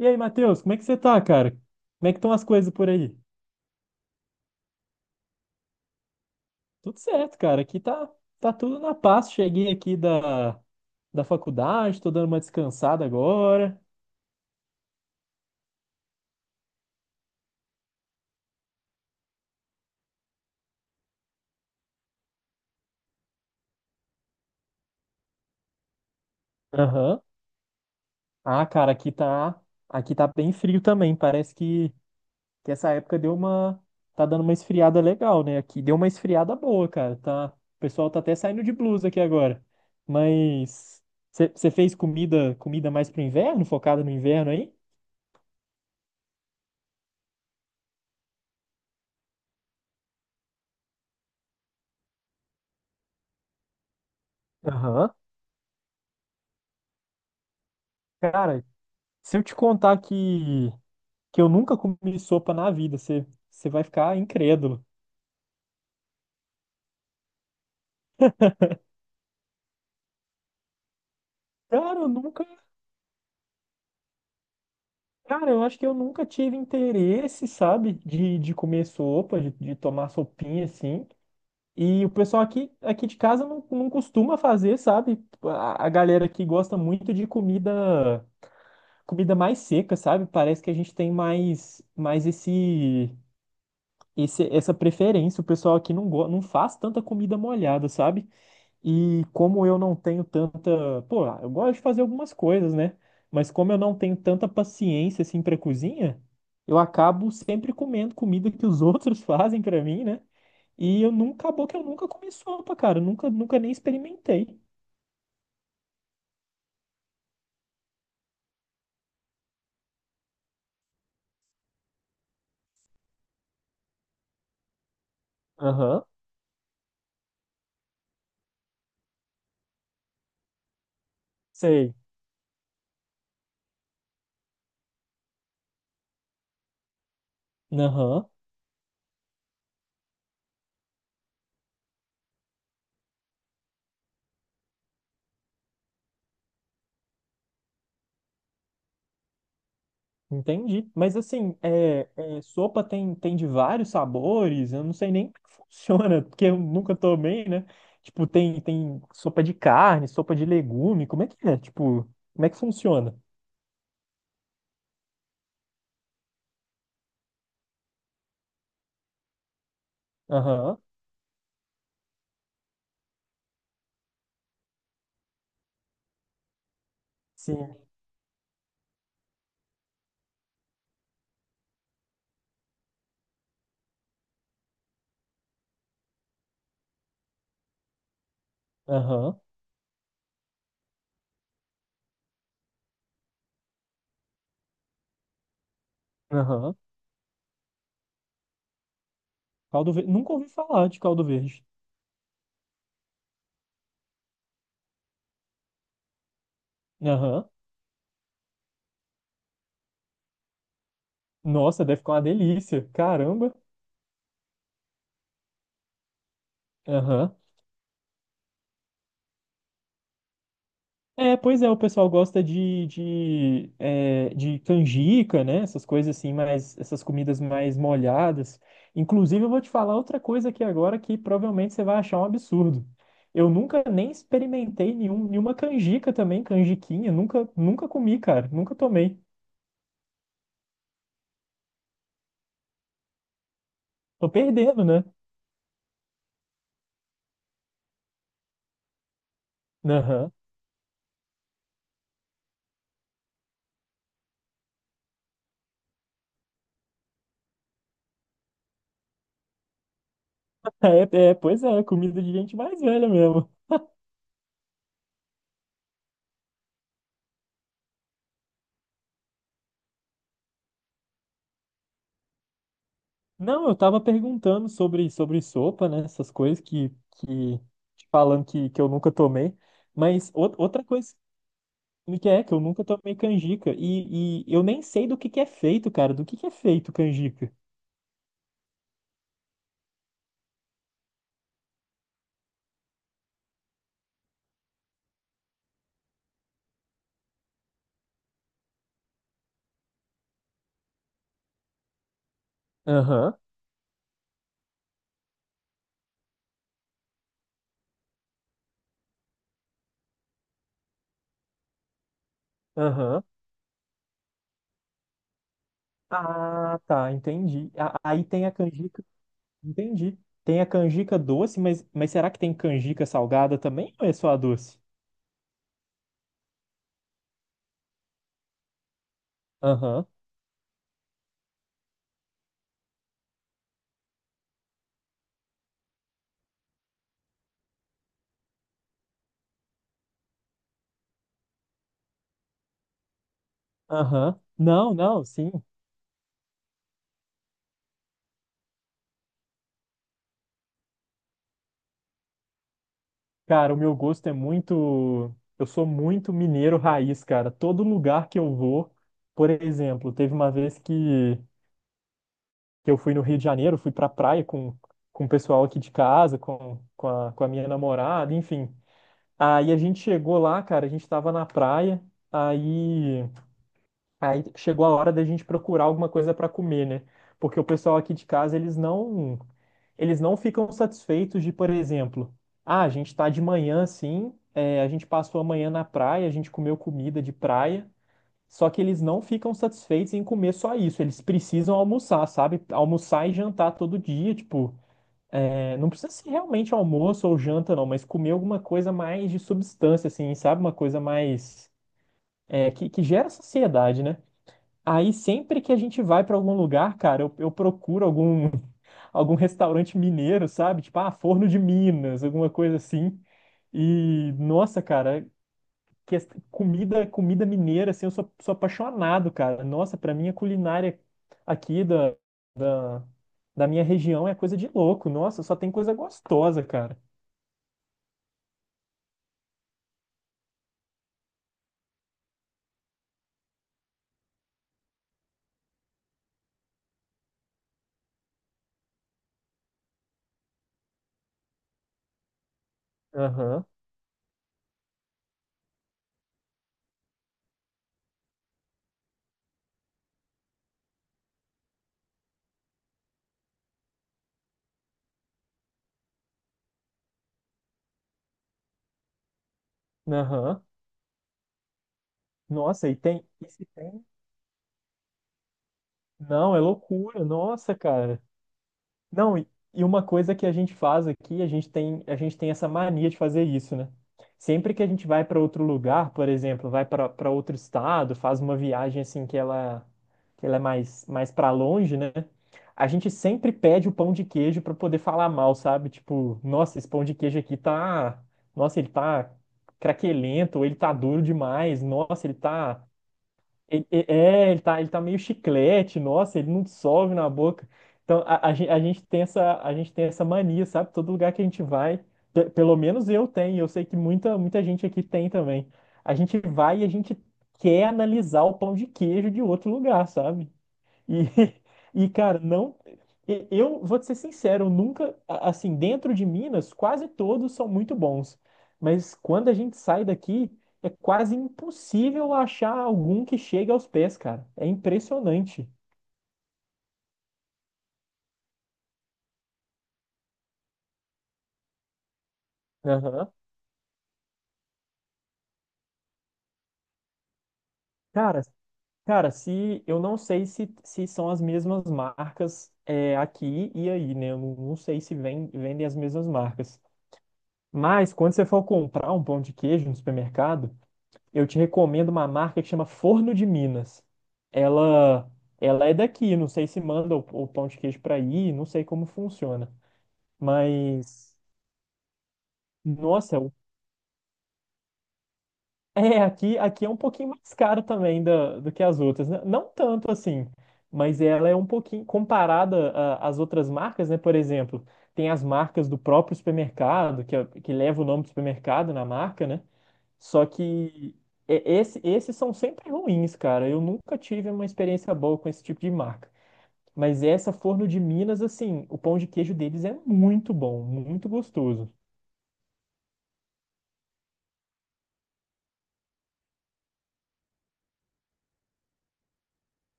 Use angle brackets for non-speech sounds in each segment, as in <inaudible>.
E aí, Matheus, como é que você tá, cara? Como é que estão as coisas por aí? Tudo certo, cara. Aqui tá tudo na paz. Cheguei aqui da faculdade, tô dando uma descansada agora. Aham. Ah, cara, aqui tá bem frio também. Parece que essa época deu uma, tá dando uma esfriada legal, né? Aqui deu uma esfriada boa, cara. Tá, o pessoal tá até saindo de blusa aqui agora. Mas você fez comida mais pro inverno, focada no inverno aí? Aham. Cara, se eu te contar que eu nunca comi sopa na vida, você vai ficar incrédulo. Cara, eu nunca. Cara, eu acho que eu nunca tive interesse, sabe, de comer sopa, de tomar sopinha assim. E o pessoal aqui, aqui de casa não costuma fazer, sabe? A galera aqui gosta muito de comida, comida mais seca, sabe? Parece que a gente tem mais, mais esse, esse, essa preferência. O pessoal aqui não, não faz tanta comida molhada, sabe? E como eu não tenho tanta. Pô, eu gosto de fazer algumas coisas, né? Mas como eu não tenho tanta paciência assim pra cozinha, eu acabo sempre comendo comida que os outros <laughs> fazem pra mim, né? E eu nunca, acabou que eu nunca comi sopa, cara. Eu nunca, nunca nem experimentei. Aham, sei. Aham. Entendi. Mas assim, é, sopa tem, tem de vários sabores, eu não sei nem como <laughs> que funciona, porque eu nunca tomei, né? Tipo, tem, tem sopa de carne, sopa de legume, como é que é? Tipo, como é que funciona? Aham, sim. Aham, aham. Caldo verde. Nunca ouvi falar de caldo verde. Aham. Nossa, deve ficar uma delícia. Caramba. Aham. É, pois é, o pessoal gosta de, é, de canjica, né? Essas coisas assim, mais, essas comidas mais molhadas. Inclusive, eu vou te falar outra coisa aqui agora que provavelmente você vai achar um absurdo. Eu nunca nem experimentei nenhuma canjica também, canjiquinha. Nunca, nunca comi, cara. Nunca tomei. Tô perdendo, né? Aham. <laughs> É, é, pois é, comida de gente mais velha mesmo. Não, eu tava perguntando sobre, sobre sopa, né? Essas coisas que te falando que eu nunca tomei. Mas outra coisa que é que eu nunca tomei canjica. E eu nem sei do que é feito, cara. Do que é feito canjica? Aham, aham. Ah, tá, entendi. Aí tem a canjica, entendi. Tem a canjica doce, mas será que tem canjica salgada também ou é só a doce? Aham, aham. Não, não, sim. Cara, o meu gosto é muito. Eu sou muito mineiro raiz, cara. Todo lugar que eu vou, por exemplo, teve uma vez que eu fui no Rio de Janeiro, fui pra praia com o pessoal aqui de casa, com a minha namorada, enfim. Aí a gente chegou lá, cara, a gente tava na praia, aí, aí chegou a hora da gente procurar alguma coisa pra comer, né? Porque o pessoal aqui de casa, eles não ficam satisfeitos de, por exemplo, ah, a gente está de manhã sim, é, a gente passou a manhã na praia, a gente comeu comida de praia, só que eles não ficam satisfeitos em comer só isso, eles precisam almoçar, sabe? Almoçar e jantar todo dia, tipo, é, não precisa ser realmente almoço ou janta, não, mas comer alguma coisa mais de substância, assim, sabe? Uma coisa mais. É, que gera saciedade, né? Aí sempre que a gente vai para algum lugar, cara, eu procuro algum algum restaurante mineiro, sabe? Tipo, ah, Forno de Minas, alguma coisa assim. E, nossa, cara, que comida, comida mineira, assim, eu sou, sou apaixonado, cara. Nossa, pra mim a culinária aqui da minha região é coisa de louco. Nossa, só tem coisa gostosa, cara. Aham, aham. Nossa, e tem, e se tem? Não, é loucura. Nossa, cara. Não, e uma coisa que a gente faz aqui, a gente tem essa mania de fazer isso, né? Sempre que a gente vai para outro lugar, por exemplo, vai para para outro estado, faz uma viagem assim que ela é mais, mais para longe, né? A gente sempre pede o pão de queijo para poder falar mal, sabe? Tipo, nossa, esse pão de queijo aqui tá, nossa, ele tá craquelento, ou ele tá duro demais, nossa, ele tá ele, é, ele tá meio chiclete, nossa, ele não dissolve na boca. Então, a gente tem essa, a gente tem essa mania, sabe? Todo lugar que a gente vai, pelo menos eu tenho, eu sei que muita, muita gente aqui tem também. A gente vai e a gente quer analisar o pão de queijo de outro lugar, sabe? E, <laughs> e cara, não. Eu vou te ser sincero, eu nunca. Assim, dentro de Minas, quase todos são muito bons. Mas quando a gente sai daqui, é quase impossível achar algum que chegue aos pés, cara. É impressionante. Aham. Cara, cara, se eu não sei se, se são as mesmas marcas é, aqui e aí, né? Eu não sei se vendem as mesmas marcas. Mas quando você for comprar um pão de queijo no supermercado, eu te recomendo uma marca que chama Forno de Minas. Ela, ela é daqui, não sei se manda o pão de queijo para aí, não sei como funciona. Mas, nossa, é, aqui é um pouquinho mais caro também da, do que as outras, né? Não tanto assim, mas ela é um pouquinho, comparada às outras marcas, né? Por exemplo, tem as marcas do próprio supermercado, que, que leva o nome do supermercado na marca, né? Só que esses são sempre ruins, cara. Eu nunca tive uma experiência boa com esse tipo de marca. Mas essa Forno de Minas, assim, o pão de queijo deles é muito bom, muito gostoso.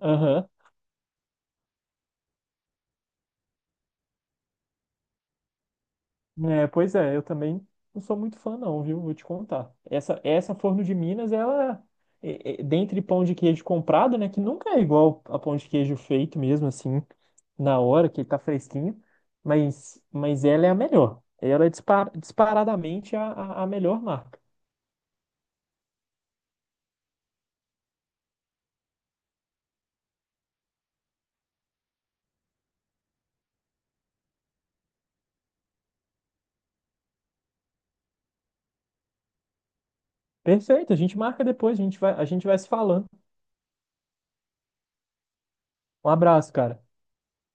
Aham. É, pois é, eu também não sou muito fã não, viu? Vou te contar. Essa Forno de Minas, ela, é dentre pão de queijo comprado, né, que nunca é igual a pão de queijo feito mesmo, assim, na hora, que ele tá fresquinho, mas ela é a melhor. Ela é disparadamente a melhor marca. Perfeito, a gente marca depois, a gente vai se falando. Um abraço, cara.